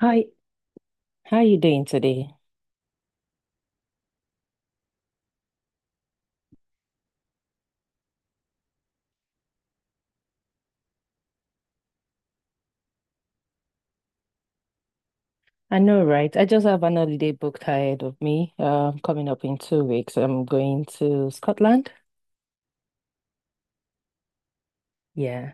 Hi, how you doing today? I know, right? I just have an holiday booked ahead of me. Coming up in 2 weeks, I'm going to Scotland. Yeah.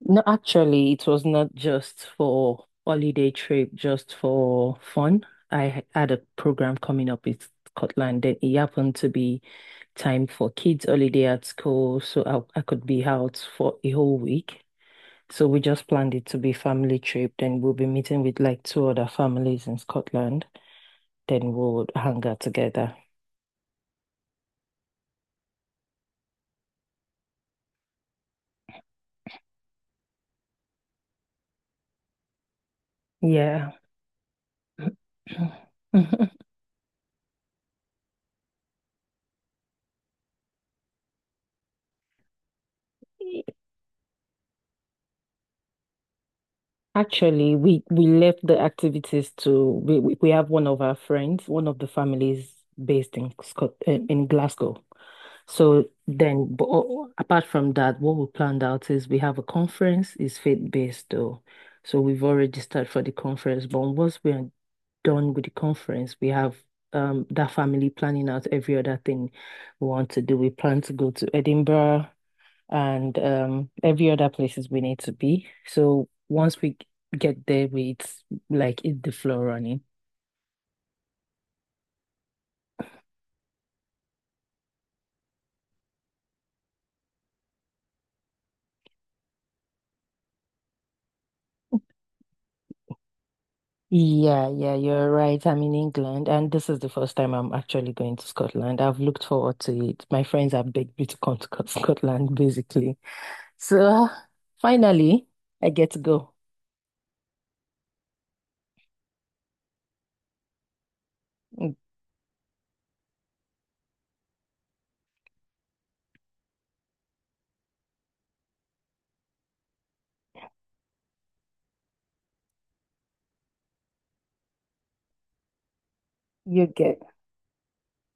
No, actually, it was not just for holiday trip, just for fun. Had a program coming up in Scotland, then it happened to be time for kids' holiday at school, so I could be out for a whole week. So we just planned it to be family trip. Then we'll be meeting with like 2 other families in Scotland, then we'll hang out together. Yeah. Actually, we left the activities to we have one of our friends, one of the families based in Scot in Glasgow. So then, but apart from that, what we planned out is we have a conference. It's faith-based though, so we've already started for the conference. But once we are done with the conference, we have that family planning out every other thing we want to do. We plan to go to Edinburgh and every other places we need to be. So once we get there, we it's like it's the floor running. Yeah, yeah, you're right. I'm in England, and this is the first time I'm actually going to Scotland. I've looked forward to it. My friends have begged me to come to Scotland, basically. So finally, I get to go. Mm. You get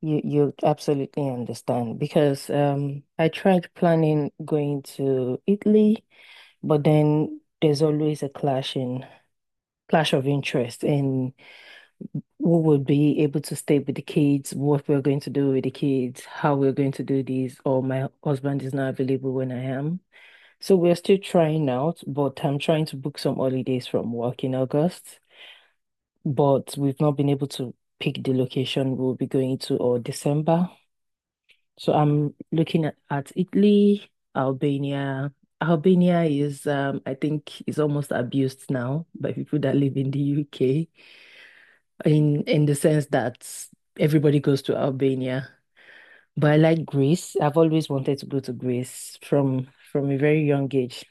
you absolutely understand because I tried planning going to Italy. But then there's always a clash in clash of interest in who would be able to stay with the kids, what we're going to do with the kids, how we're going to do this, or my husband is not available when I am. So we're still trying out, but I'm trying to book some holidays from work in August, but we've not been able to pick the location we'll be going to, or December. So I'm looking at Italy, Albania. Albania is, I think, is almost abused now by people that live in the UK, in the sense that everybody goes to Albania. But I like Greece. I've always wanted to go to Greece from a very young age.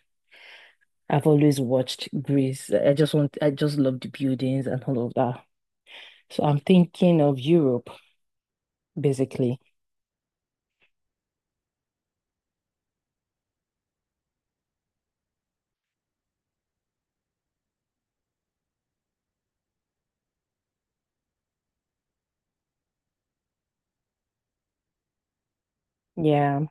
I've always watched Greece. I just love the buildings and all of that. So I'm thinking of Europe, basically. Yeah.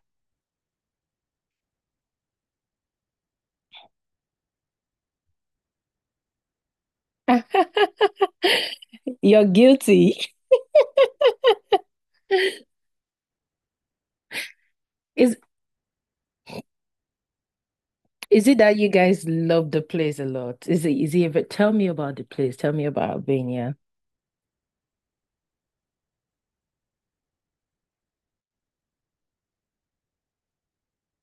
You're guilty. It's. Is it that you guys love the place a lot? Is it ever, tell me about the place. Tell me about Albania.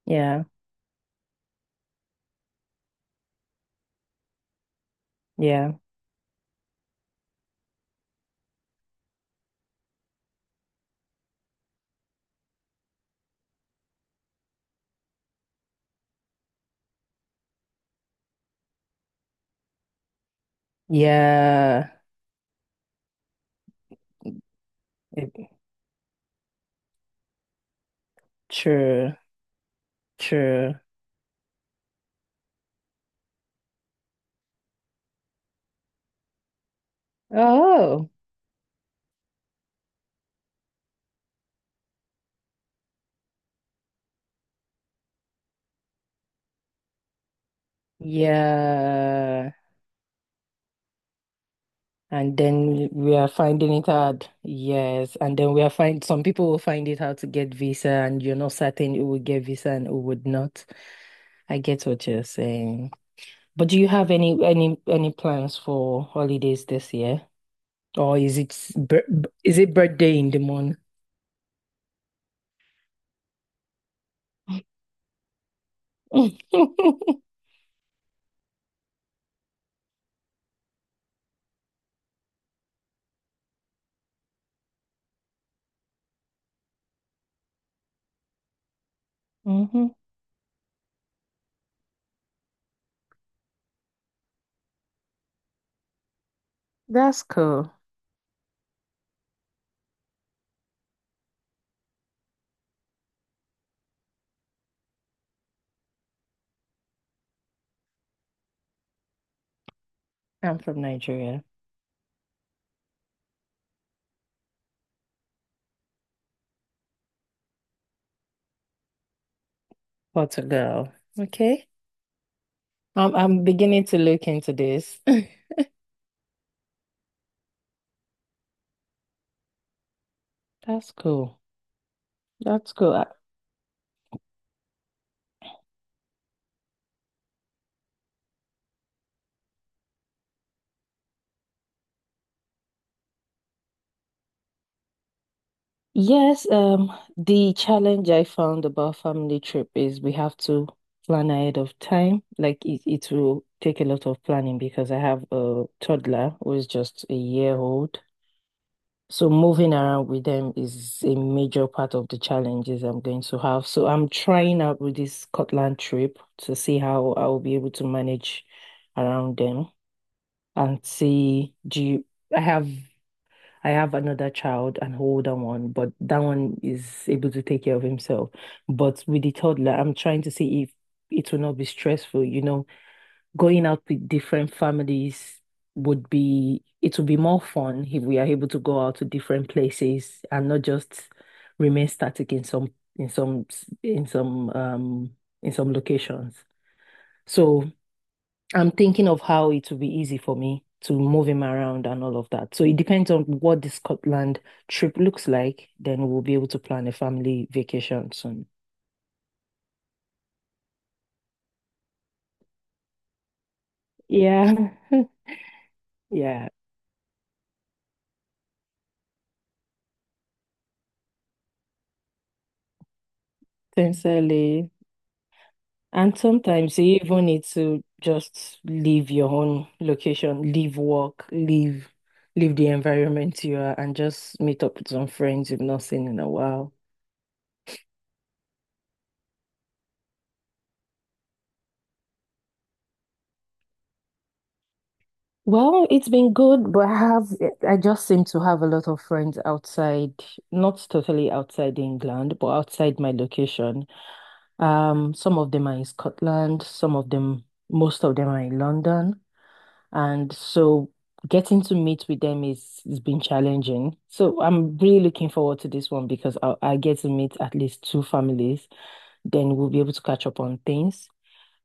Yeah, yeah, yeah. It- true, true. Oh, yeah. And then we are finding it hard. Yes. And then we are find, some people will find it hard to get visa, and you're not certain who would get visa and who would not. I get what you're saying. But do you have any any plans for holidays this year? Or is it is it birthday in the morning? Hmm. That's cool. I'm from Nigeria, Portugal. Okay. I'm beginning to look into this. That's cool. That's cool. I-. Yes, the challenge I found about family trip is we have to plan ahead of time. Like it will take a lot of planning because I have a toddler who is just a year old. So moving around with them is a major part of the challenges I'm going to have. So I'm trying out with this Scotland trip to see how I'll be able to manage around them and see do you, I have I have another child, an older one, but that one is able to take care of himself. But with the toddler, I'm trying to see if it will not be stressful, you know, going out with different families would be, it would be more fun if we are able to go out to different places and not just remain static in some, in some, um, in some locations. So I'm thinking of how it will be easy for me to move him around and all of that. So it depends on what the Scotland trip looks like. Then we'll be able to plan a family vacation soon. Yeah. Yeah. Sincerely. And sometimes you even need to just leave your own location, leave work, leave the environment you are, and just meet up with some friends you've not seen in a while. Well, it's been good, but I just seem to have a lot of friends outside, not totally outside England, but outside my location. Some of them are in Scotland, most of them are in London. And so getting to meet with them is has been challenging. So I'm really looking forward to this one because I get to meet at least 2 families. Then we'll be able to catch up on things.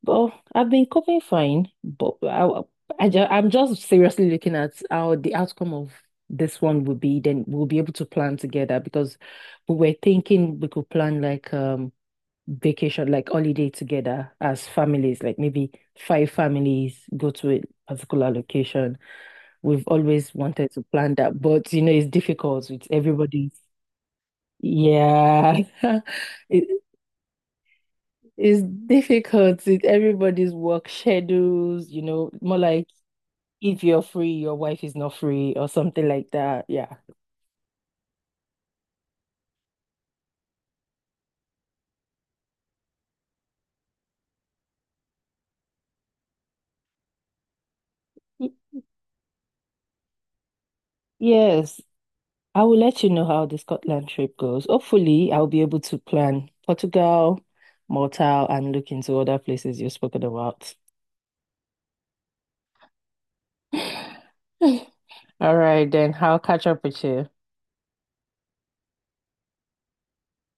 But I've been coping fine. But I ju- I'm just seriously looking at how the outcome of this one will be. Then we'll be able to plan together because we were thinking we could plan like vacation, like holiday together as families, like maybe 5 families go to a particular location. We've always wanted to plan that, but you know, it's difficult with everybody. Yeah. it, it's difficult with everybody's work schedules, you know, more like if you're free, your wife is not free or something like that. Yeah. Y- Yes, I will let you know how the Scotland trip goes. Hopefully, I'll be able to plan Portugal, Malta, and look into other places you've spoken about. All right, then I'll catch up with you.